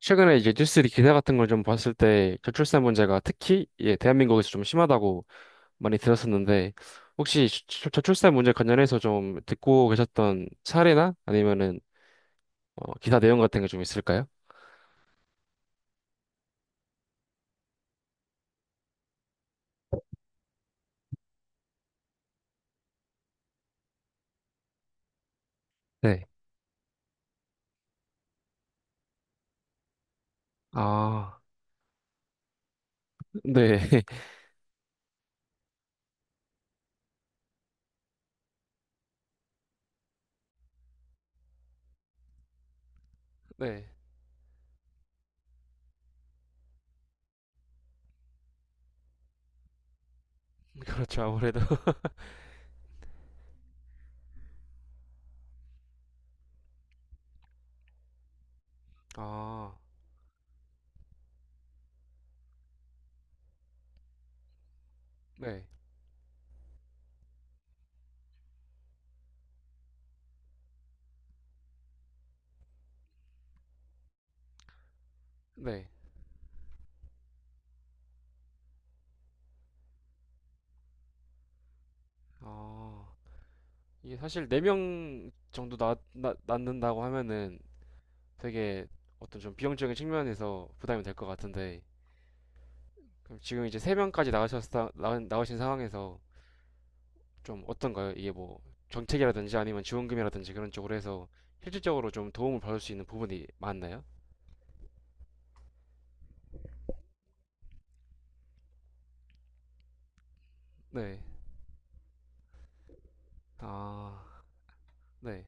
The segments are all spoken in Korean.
최근에 이제 뉴스 리 기사 같은 걸 좀 봤을 때 저출산 문제가 특히 예, 대한민국에서 좀 심하다고 많이 들었었는데 혹시 저출산 문제 관련해서 좀 듣고 계셨던 사례나 아니면은 기사 내용 같은 게 좀 있을까요? 네. 아, 네. 네. 그렇죠. 아무래도. 아, 네. 네. 아, 이게 사실 4명 정도 낳는다고 하면은 되게 어떤 좀 비용적인 측면에서 부담이 될 것 같은데 그럼 지금 이제 세 명까지 나가셨다 나오신 상황에서 좀 어떤가요? 이게 뭐 정책이라든지 아니면 지원금이라든지 그런 쪽으로 해서 실질적으로 좀 도움을 받을 수 있는 부분이 많나요? 네. 아, 네.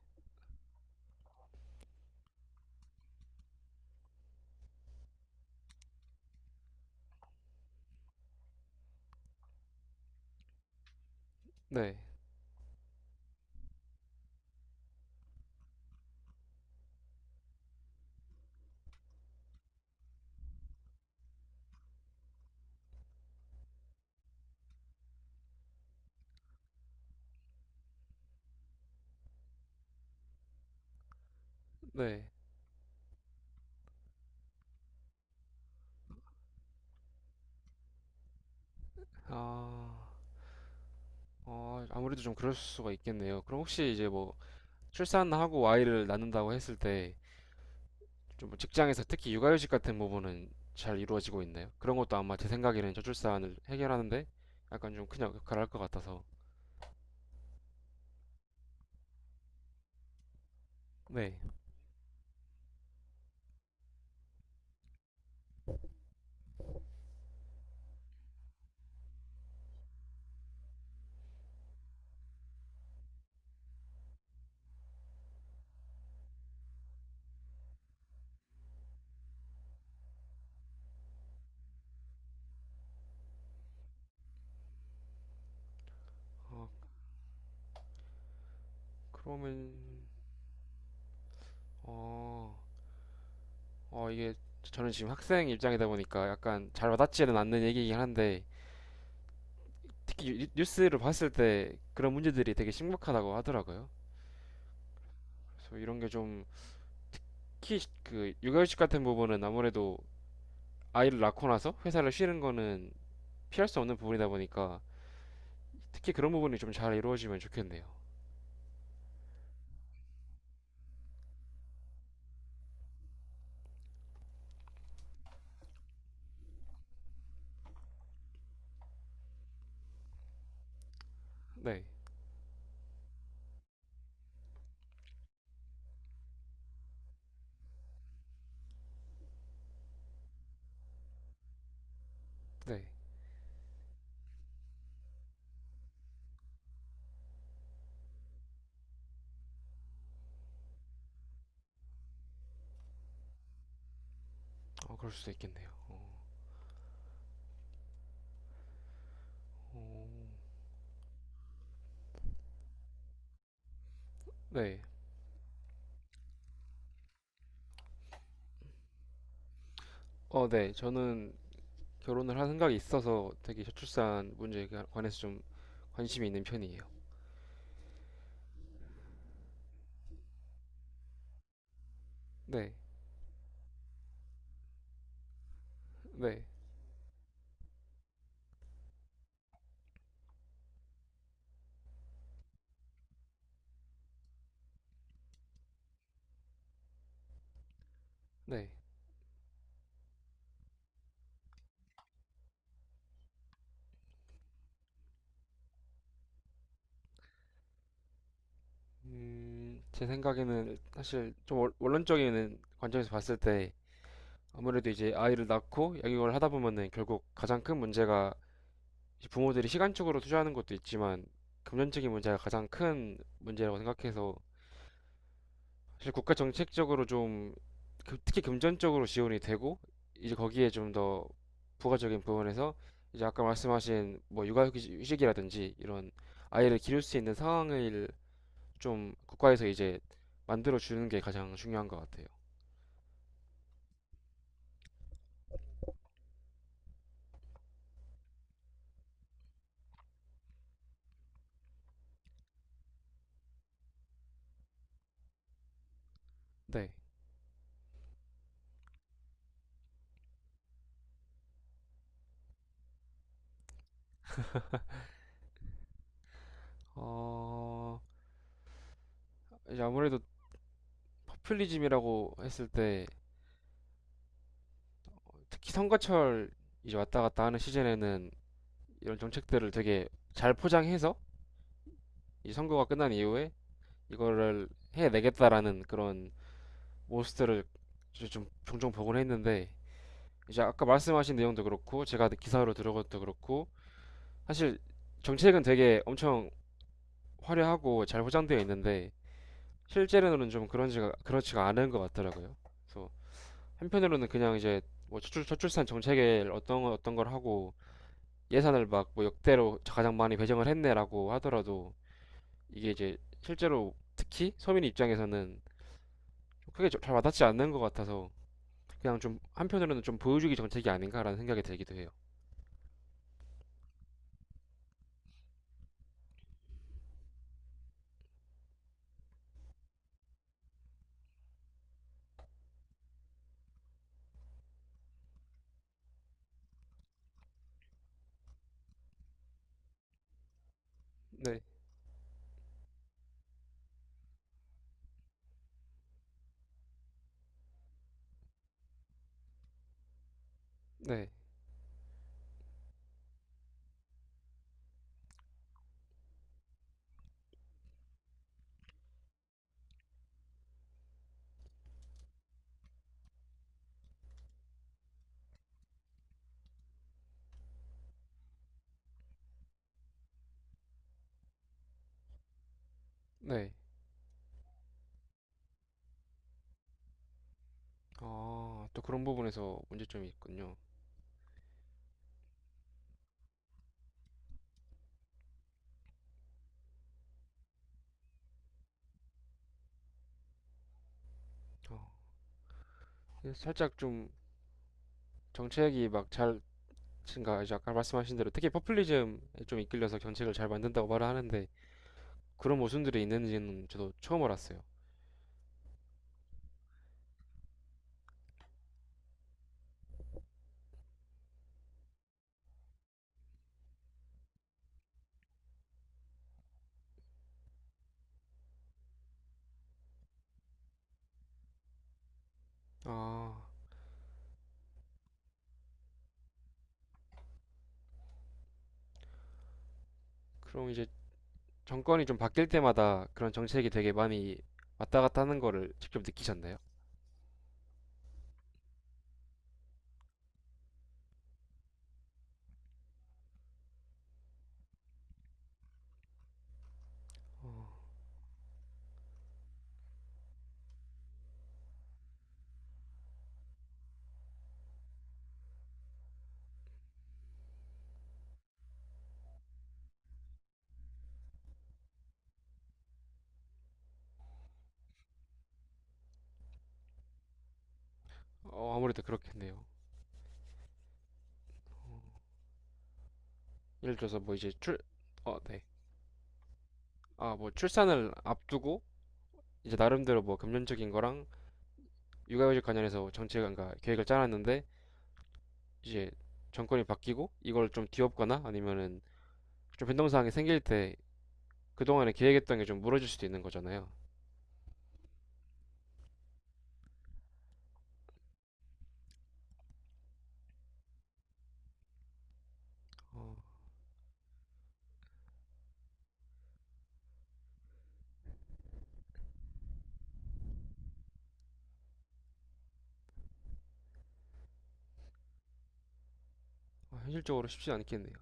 네. 네. 아, 아무래도 좀 그럴 수가 있겠네요. 그럼 혹시 이제 뭐 출산하고 아이를 낳는다고 했을 때 좀 직장에서 특히 육아휴직 같은 부분은 잘 이루어지고 있나요? 그런 것도 아마 제 생각에는 저출산을 해결하는데 약간 좀 큰 역할을 할 것 같아서. 네. 그러면 어, 이게 저는 지금 학생 입장이다 보니까 약간 잘 와닿지는 않는 얘기이긴 한데 특히 뉴스를 봤을 때 그런 문제들이 되게 심각하다고 하더라고요. 그래서 이런 게 좀, 특히 그 육아휴직 같은 부분은 아무래도 아이를 낳고 나서 회사를 쉬는 거는 피할 수 없는 부분이다 보니까 특히 그런 부분이 좀 잘 이루어지면 좋겠네요. 네, 네, 그럴 수도 있겠네요. 네, 네, 저는 결혼을 할 생각이 있어서 되게 저출산 문제에 관해서 좀 관심이 있는 편이에요. 네, 네. 네. 제 생각에는 사실 좀 원론적인 관점에서 봤을 때 아무래도 이제 아이를 낳고 양육을 하다 보면은 결국 가장 큰 문제가 이제 부모들이 시간적으로 투자하는 것도 있지만 금전적인 문제가 가장 큰 문제라고 생각해서 사실 국가 정책적으로 좀 특히 금전적으로 지원이 되고 이제 거기에 좀 더 부가적인 부분에서 이제 아까 말씀하신 뭐 육아휴직이라든지 이런 아이를 기를 수 있는 상황을 좀 국가에서 이제 만들어 주는 게 가장 중요한 것 같아요. 네. 어, 이제 아무래도 포퓰리즘이라고 했을 때 특히 선거철 이제 왔다 갔다 하는 시즌에는 이런 정책들을 되게 잘 포장해서 이 선거가 끝난 이후에 이거를 해내겠다라는 그런 모습들을 이제 좀 종종 보곤 했는데 이제 아까 말씀하신 내용도 그렇고 제가 기사로 들은 것도 그렇고 사실 정책은 되게 엄청 화려하고 잘 포장되어 있는데 실제로는 좀 그런지가 그렇지가 않은 것 같더라고요. 그래서 한편으로는 그냥 이제 뭐 저출산 정책에 어떤 어떤 걸 하고 예산을 막 뭐 역대로 가장 많이 배정을 했네라고 하더라도 이게 이제 실제로 특히 서민 입장에서는 좀 크게 잘 와닿지 않는 것 같아서 그냥 좀 한편으로는 좀 보여주기 정책이 아닌가라는 생각이 들기도 해요. 네, 네, 네. 또 그런 부분에서 문제점이 있군요. 어, 그래서 살짝 좀 정책이 막잘 친가 이제 아까 말씀하신 대로 특히 퍼플리즘에 좀 이끌려서 정책을 잘 만든다고 말을 하는데 그런 모순들이 있는지는 저도 처음 알았어요. 아, 그럼 이제 정권이 좀 바뀔 때마다 그런 정책이 되게 많이 왔다 갔다 하는 거를 직접 느끼셨나요? 아무래도 그렇겠네요. 예를 들어서 뭐 이제 어, 네. 뭐 출산을 앞두고 이제 나름대로 뭐 금전적인 거랑 육아휴직 관련해서 정책을, 그러니까 계획을 짜놨는데 이제 정권이 바뀌고 이걸 좀 뒤엎거나 아니면은 좀 변동사항이 생길 때 그동안에 계획했던 게 좀 무너질 수도 있는 거잖아요. 어, 아, 현실적으로 쉽진 않겠네요.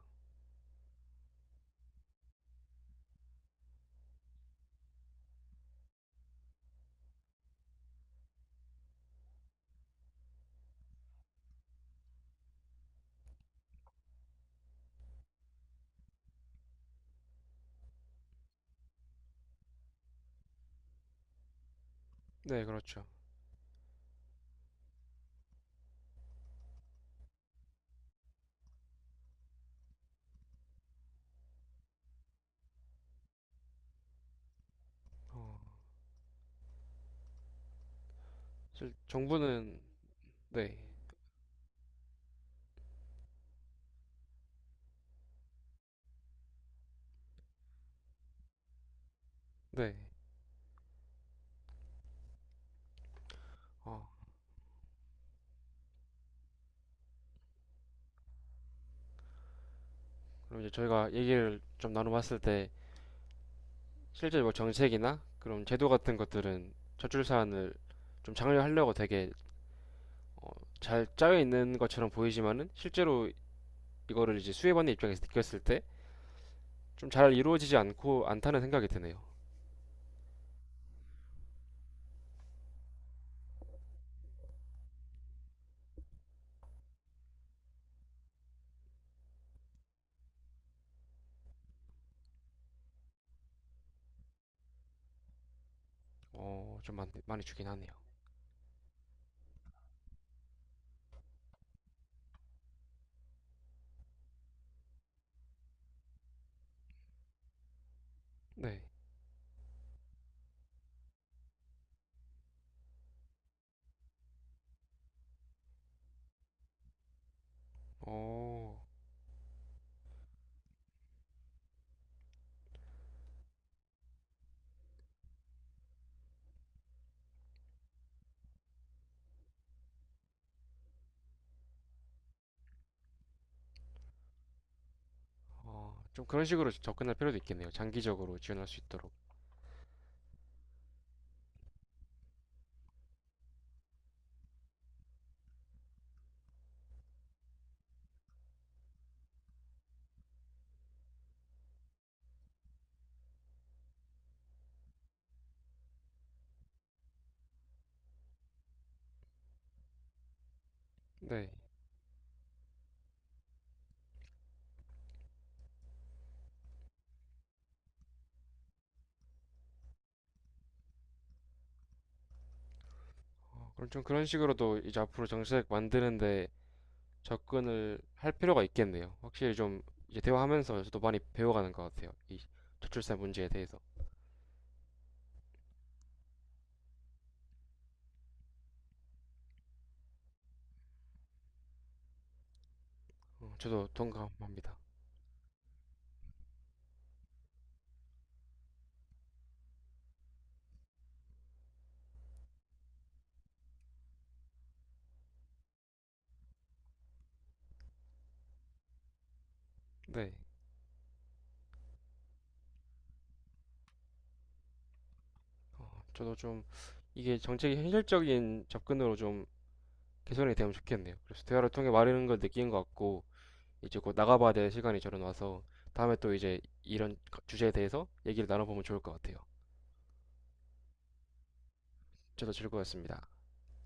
네, 그렇죠. 실 정부는 네, 네. 어, 그럼 이제 저희가 얘기를 좀 나눠봤을 때 실제 뭐 정책이나 그런 제도 같은 것들은 저출 사안을 좀 장려하려고 되게 잘 짜여 있는 것처럼 보이지만은 실제로 이거를 이제 수혜받는 입장에서 느꼈을 때 좀 잘 이루어지지 않고 않다는 생각이 드네요. 좀 많이, 많이 주긴 하네요. 네. 어, 좀 그런 식으로 접근할 필요도 있겠네요. 장기적으로 지원할 수 있도록. 네. 그럼 좀 그런 식으로도 이제 앞으로 정책 만드는데 접근을 할 필요가 있겠네요. 확실히 좀 이제 대화하면서 저도 많이 배워가는 것 같아요. 이 저출산 문제에 대해서. 저도 동감합니다. 네. 저도 좀 이게 정책이 현실적인 접근으로 좀 개선이 되면 좋겠네요. 그래서 대화를 통해 말하는 걸 느낀 것 같고, 이제 곧 나가봐야 될 시간이 저는 와서 다음에 또 이제 이런 주제에 대해서 얘기를 나눠보면 좋을 것 같아요. 저도 즐거웠습니다.